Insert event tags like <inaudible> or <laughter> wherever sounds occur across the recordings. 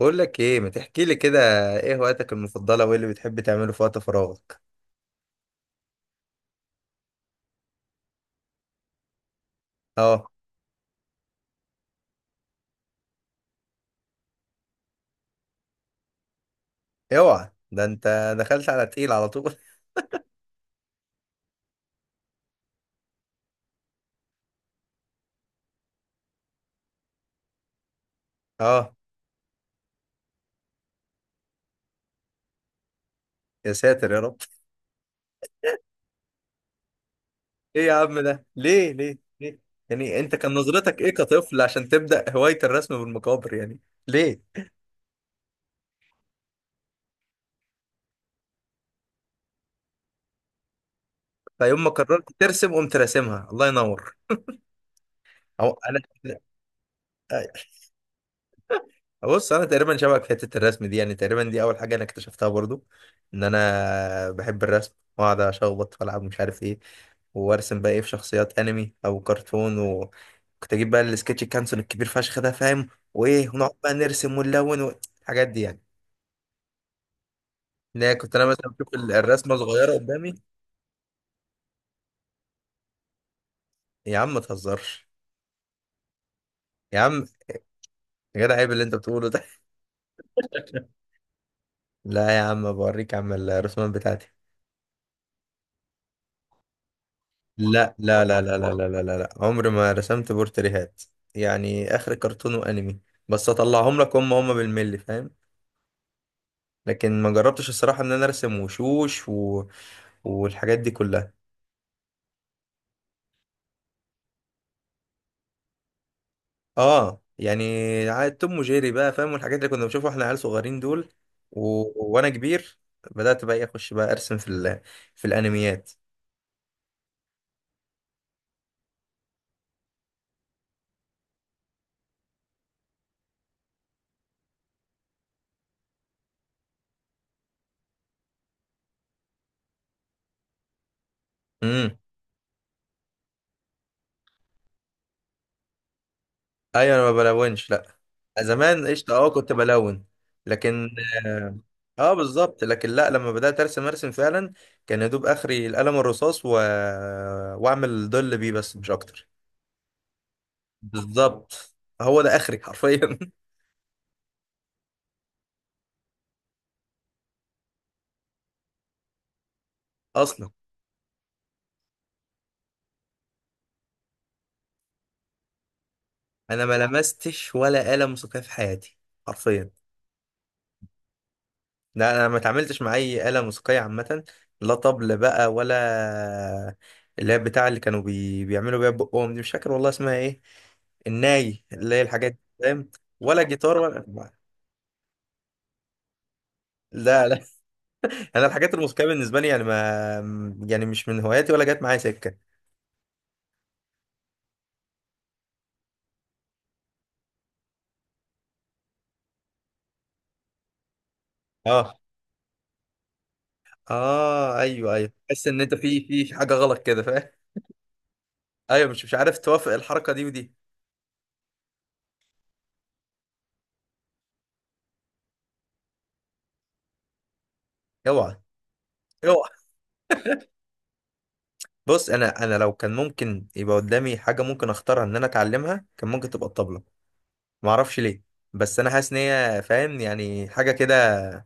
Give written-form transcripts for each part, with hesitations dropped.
بقول لك ايه، ما تحكي لي كده؟ ايه هواياتك المفضله وايه اللي بتحب تعمله في وقت فراغك؟ اه. اوعى، ده انت دخلت على تقيل على طول. <laughs> اه. يا ساتر يا رب. ايه يا عم ده ليه ليه ليه؟ يعني انت كان نظرتك ايه كطفل عشان تبدا هوايه الرسم بالمقابر يعني؟ ليه؟ فيوم ما قررت ترسم قمت راسمها؟ الله ينور. أو. انا. بص، انا تقريبا شبهك في حته الرسم دي، يعني تقريبا دي اول حاجه انا اكتشفتها برضو، ان انا بحب الرسم واقعد اشخبط والعب مش عارف ايه، وارسم بقى ايه في شخصيات انمي او كرتون. وكنت اجيب بقى السكتش كانسون الكبير فشخ ده فاهم، وايه ونقعد بقى نرسم ونلون الحاجات دي يعني. ان هي كنت انا مثلا بشوف الرسمه صغيره قدامي. يا عم ما تهزرش. يا عم. يا جدع، عيب اللي انت بتقوله ده. <laughs> لا يا عم، بوريك يا عم الرسومات بتاعتي. لا لا لا لا لا لا لا لا لا، عمري ما رسمت بورتريهات. يعني اخر كرتون وانمي، بس اطلعهم لك هم هم بالملي فاهم. لكن ما جربتش الصراحه ان انا ارسم وشوش و... والحاجات دي كلها. اه يعني، عاد توم وجيري بقى فاهم، والحاجات اللي كنا بنشوفها واحنا عيال صغيرين دول، و... وانا كبير بدات بقى إيه، اخش بقى ارسم في ال... في الانميات. امم. ايوه، انا ما بلونش، لا. زمان قشطه اه كنت بلون. لكن. اه. آه، بالظبط، لكن لا، لما بدات ارسم ارسم فعلا، كان يا دوب اخري القلم الرصاص و... واعمل ظل بيه بس مش اكتر. بالظبط. هو ده اخري حرفيا. <laughs> اصلا انا ما لمستش ولا قلم موسيقيه في حياتي، حرفيا. لا، انا ما اتعاملتش مع اي آلة موسيقية عامة. لا طبل بقى ولا. اللي هي بتاع اللي كانوا بيعملوا بيها بقهم دي، مش فاكر والله اسمها ايه. الناي اللي هي الحاجات دي، فاهم؟ ولا جيتار ولا، لا لا. <laughs> انا الحاجات الموسيقية بالنسبة لي يعني ما، يعني مش من هواياتي ولا جت معايا سكة. اه. اه ايوه ايوه، تحس ان انت في حاجة غلط كده، فاهم. ايوه، مش عارف توافق الحركة دي ودي. اوعى. بص، انا لو كان ممكن يبقى قدامي حاجه ممكن اختارها ان انا اتعلمها، كان ممكن تبقى الطبله. ما اعرفش ليه، بس انا حاسس ان هي فاهم يعني حاجه كده،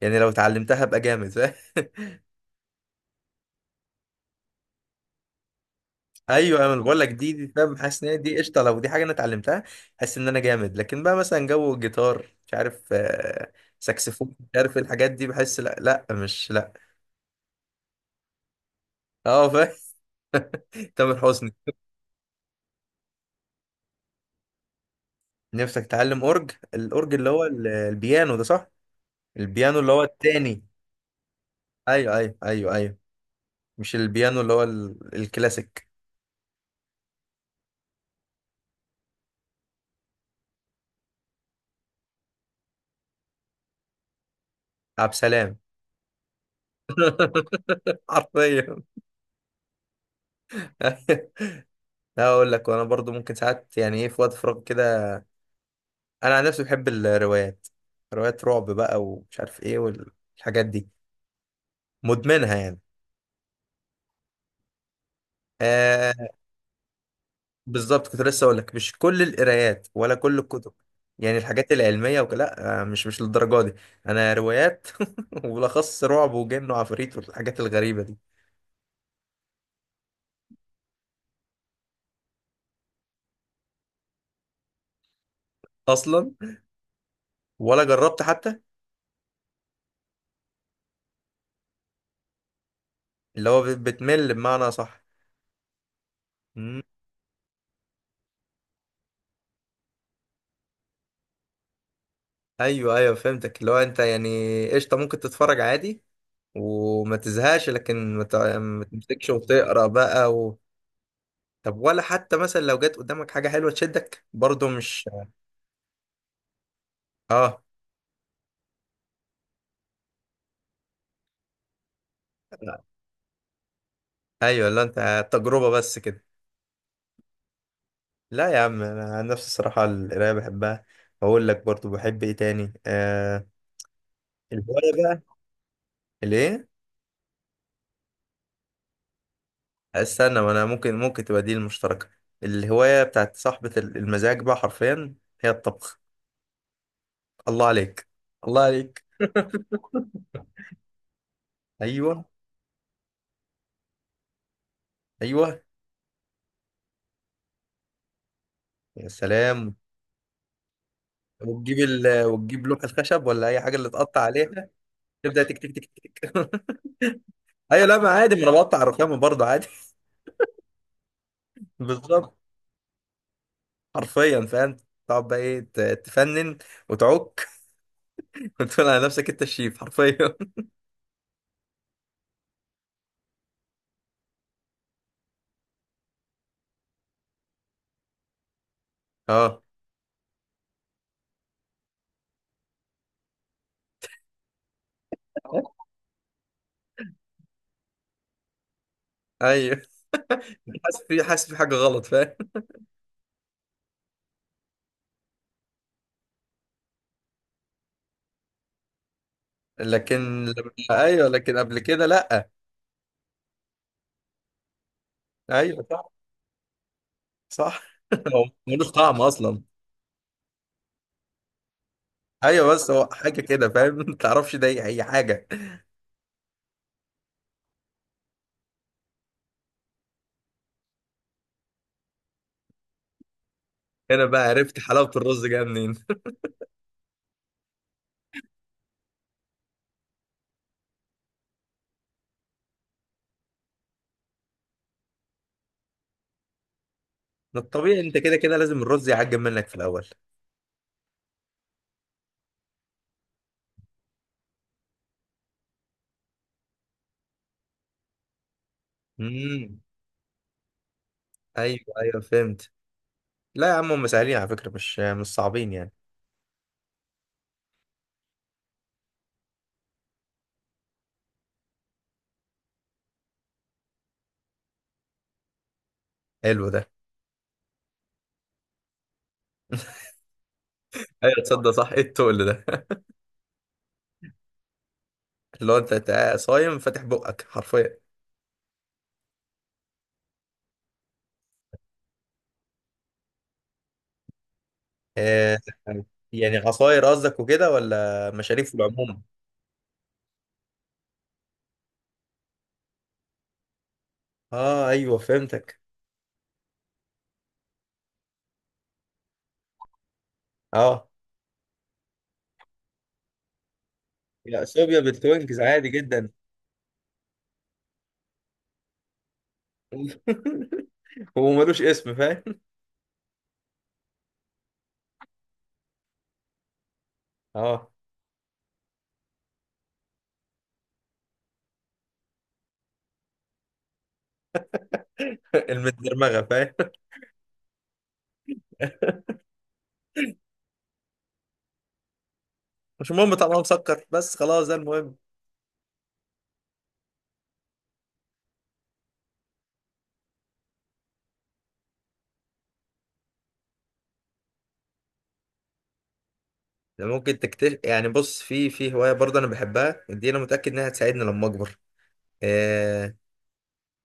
يعني لو اتعلمتها ابقى جامد فاهم. <laughs> ايوه انا بقول لك دي فاهم، حاسس ان هي دي قشطه لو دي حاجه انا اتعلمتها. حاسس ان انا جامد، لكن بقى مثلا جو الجيتار مش عارف، آه، ساكسفون مش عارف إيه الحاجات دي، بحس لا لا مش لا. اه فاهم. <laughs> تامر حسني. نفسك تتعلم اورج؟ الاورج اللي هو البيانو ده صح؟ البيانو اللي هو التاني. ايوه ايوه ايوه ايوه. مش البيانو اللي هو الكلاسيك. عبد السلام. <laughs> حرفيا. <laughs> لا اقول لك، وانا برضو ممكن ساعات يعني ايه في وقت فراغ كده، انا عن نفسي بحب الروايات. روايات رعب بقى ومش عارف ايه والحاجات دي، مدمنها يعني. آه. بالظبط، كنت لسه اقول لك مش كل القرايات ولا كل الكتب. يعني الحاجات العلميه وكده لا، آه، مش للدرجه دي. انا روايات. <laughs> وبالاخص رعب وجن وعفاريت والحاجات الغريبه دي. اصلا ولا جربت حتى. اللي هو بتمل بمعنى، صح؟ مم. ايوه ايوه فهمتك، اللي هو انت يعني قشطه ممكن تتفرج عادي وما تزهقش، لكن ما تمسكش وتقرا بقى و... طب ولا حتى مثلا لو جت قدامك حاجه حلوه تشدك برضو، مش؟ اه. لا. ايوه، لا انت تجربه بس كده. لا يا عم، انا عن نفسي الصراحه القرايه بحبها. اقول لك برضو بحب ايه تاني، آه، الهوايه بقى. ليه؟ استنى، ما انا ممكن تبقى دي المشتركه. الهوايه بتاعت صاحبه المزاج بقى، حرفيا، هي الطبخ. الله عليك. الله عليك. ايوه. ايوه. يا سلام. وتجيب وتجيب لوح الخشب ولا اي حاجه اللي تقطع عليها. تبدا تك تك تك تك. <laughs> ايوه لا ما عادي، ما انا بقطع الرخامه برضه عادي. <laughs> بالظبط. حرفيا فاهم. تقعد بقى ايه تفنن وتعك. <laughs> وتقول على نفسك انت الشيف، حرفيا. <laughs> اه. ايوه، حاسس في حاجه غلط، فاهم. لكن لما- ايوه لكن قبل كده لا. ايوه صح. صح. <laughs> هو ملوش طعم اصلا. ايوه بس هو حاجه كده فاهم، ما تعرفش ده ايه، هي حاجه. هنا بقى عرفت حلاوه الرز جايه منين. <laughs> ما الطبيعي انت كده كده لازم الرز يعجن منك في الاول. امم. ايوه ايوه فهمت. لا يا عم هم سهلين على فكره، مش صعبين يعني. حلو ده. <laughs> ايوه تصدق، صح، ايه التقل ده. <laughs> اللي هو انت تبقى صايم فاتح بقك، حرفيا. آه. يعني عصاير قصدك وكده ولا مشاريب في العموم؟ اه ايوه فهمتك. اه. يا صوبيا بالتوينكس عادي جدا. <laughs> وملوش اسم فاهم. اه. <laughs> المتدرمغه فاهم. <laughs> مش مهم طعمها مسكر بس خلاص، ده المهم. ده ممكن تكتشف، يعني بص في هوايه برضه انا بحبها دي، انا متاكد انها هتساعدني لما اكبر. آه.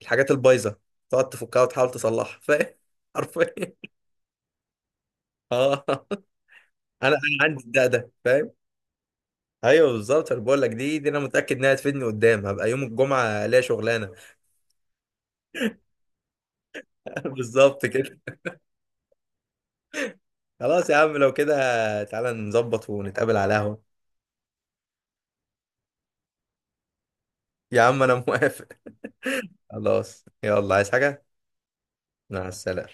الحاجات البايظه تقعد تفكها وتحاول تصلحها، فاهم. <laughs> حرفيا. اه، انا عندي الدق ده فاهم. ايوه بالظبط انا بقول لك دي انا متاكد انها هتفيدني قدام، هبقى يوم الجمعه ليا شغلانه. <laughs> بالظبط كده. خلاص يا عم لو كده تعالى نظبط ونتقابل على القهوه. يا عم انا موافق. خلاص يلا، عايز حاجه؟ مع السلامة.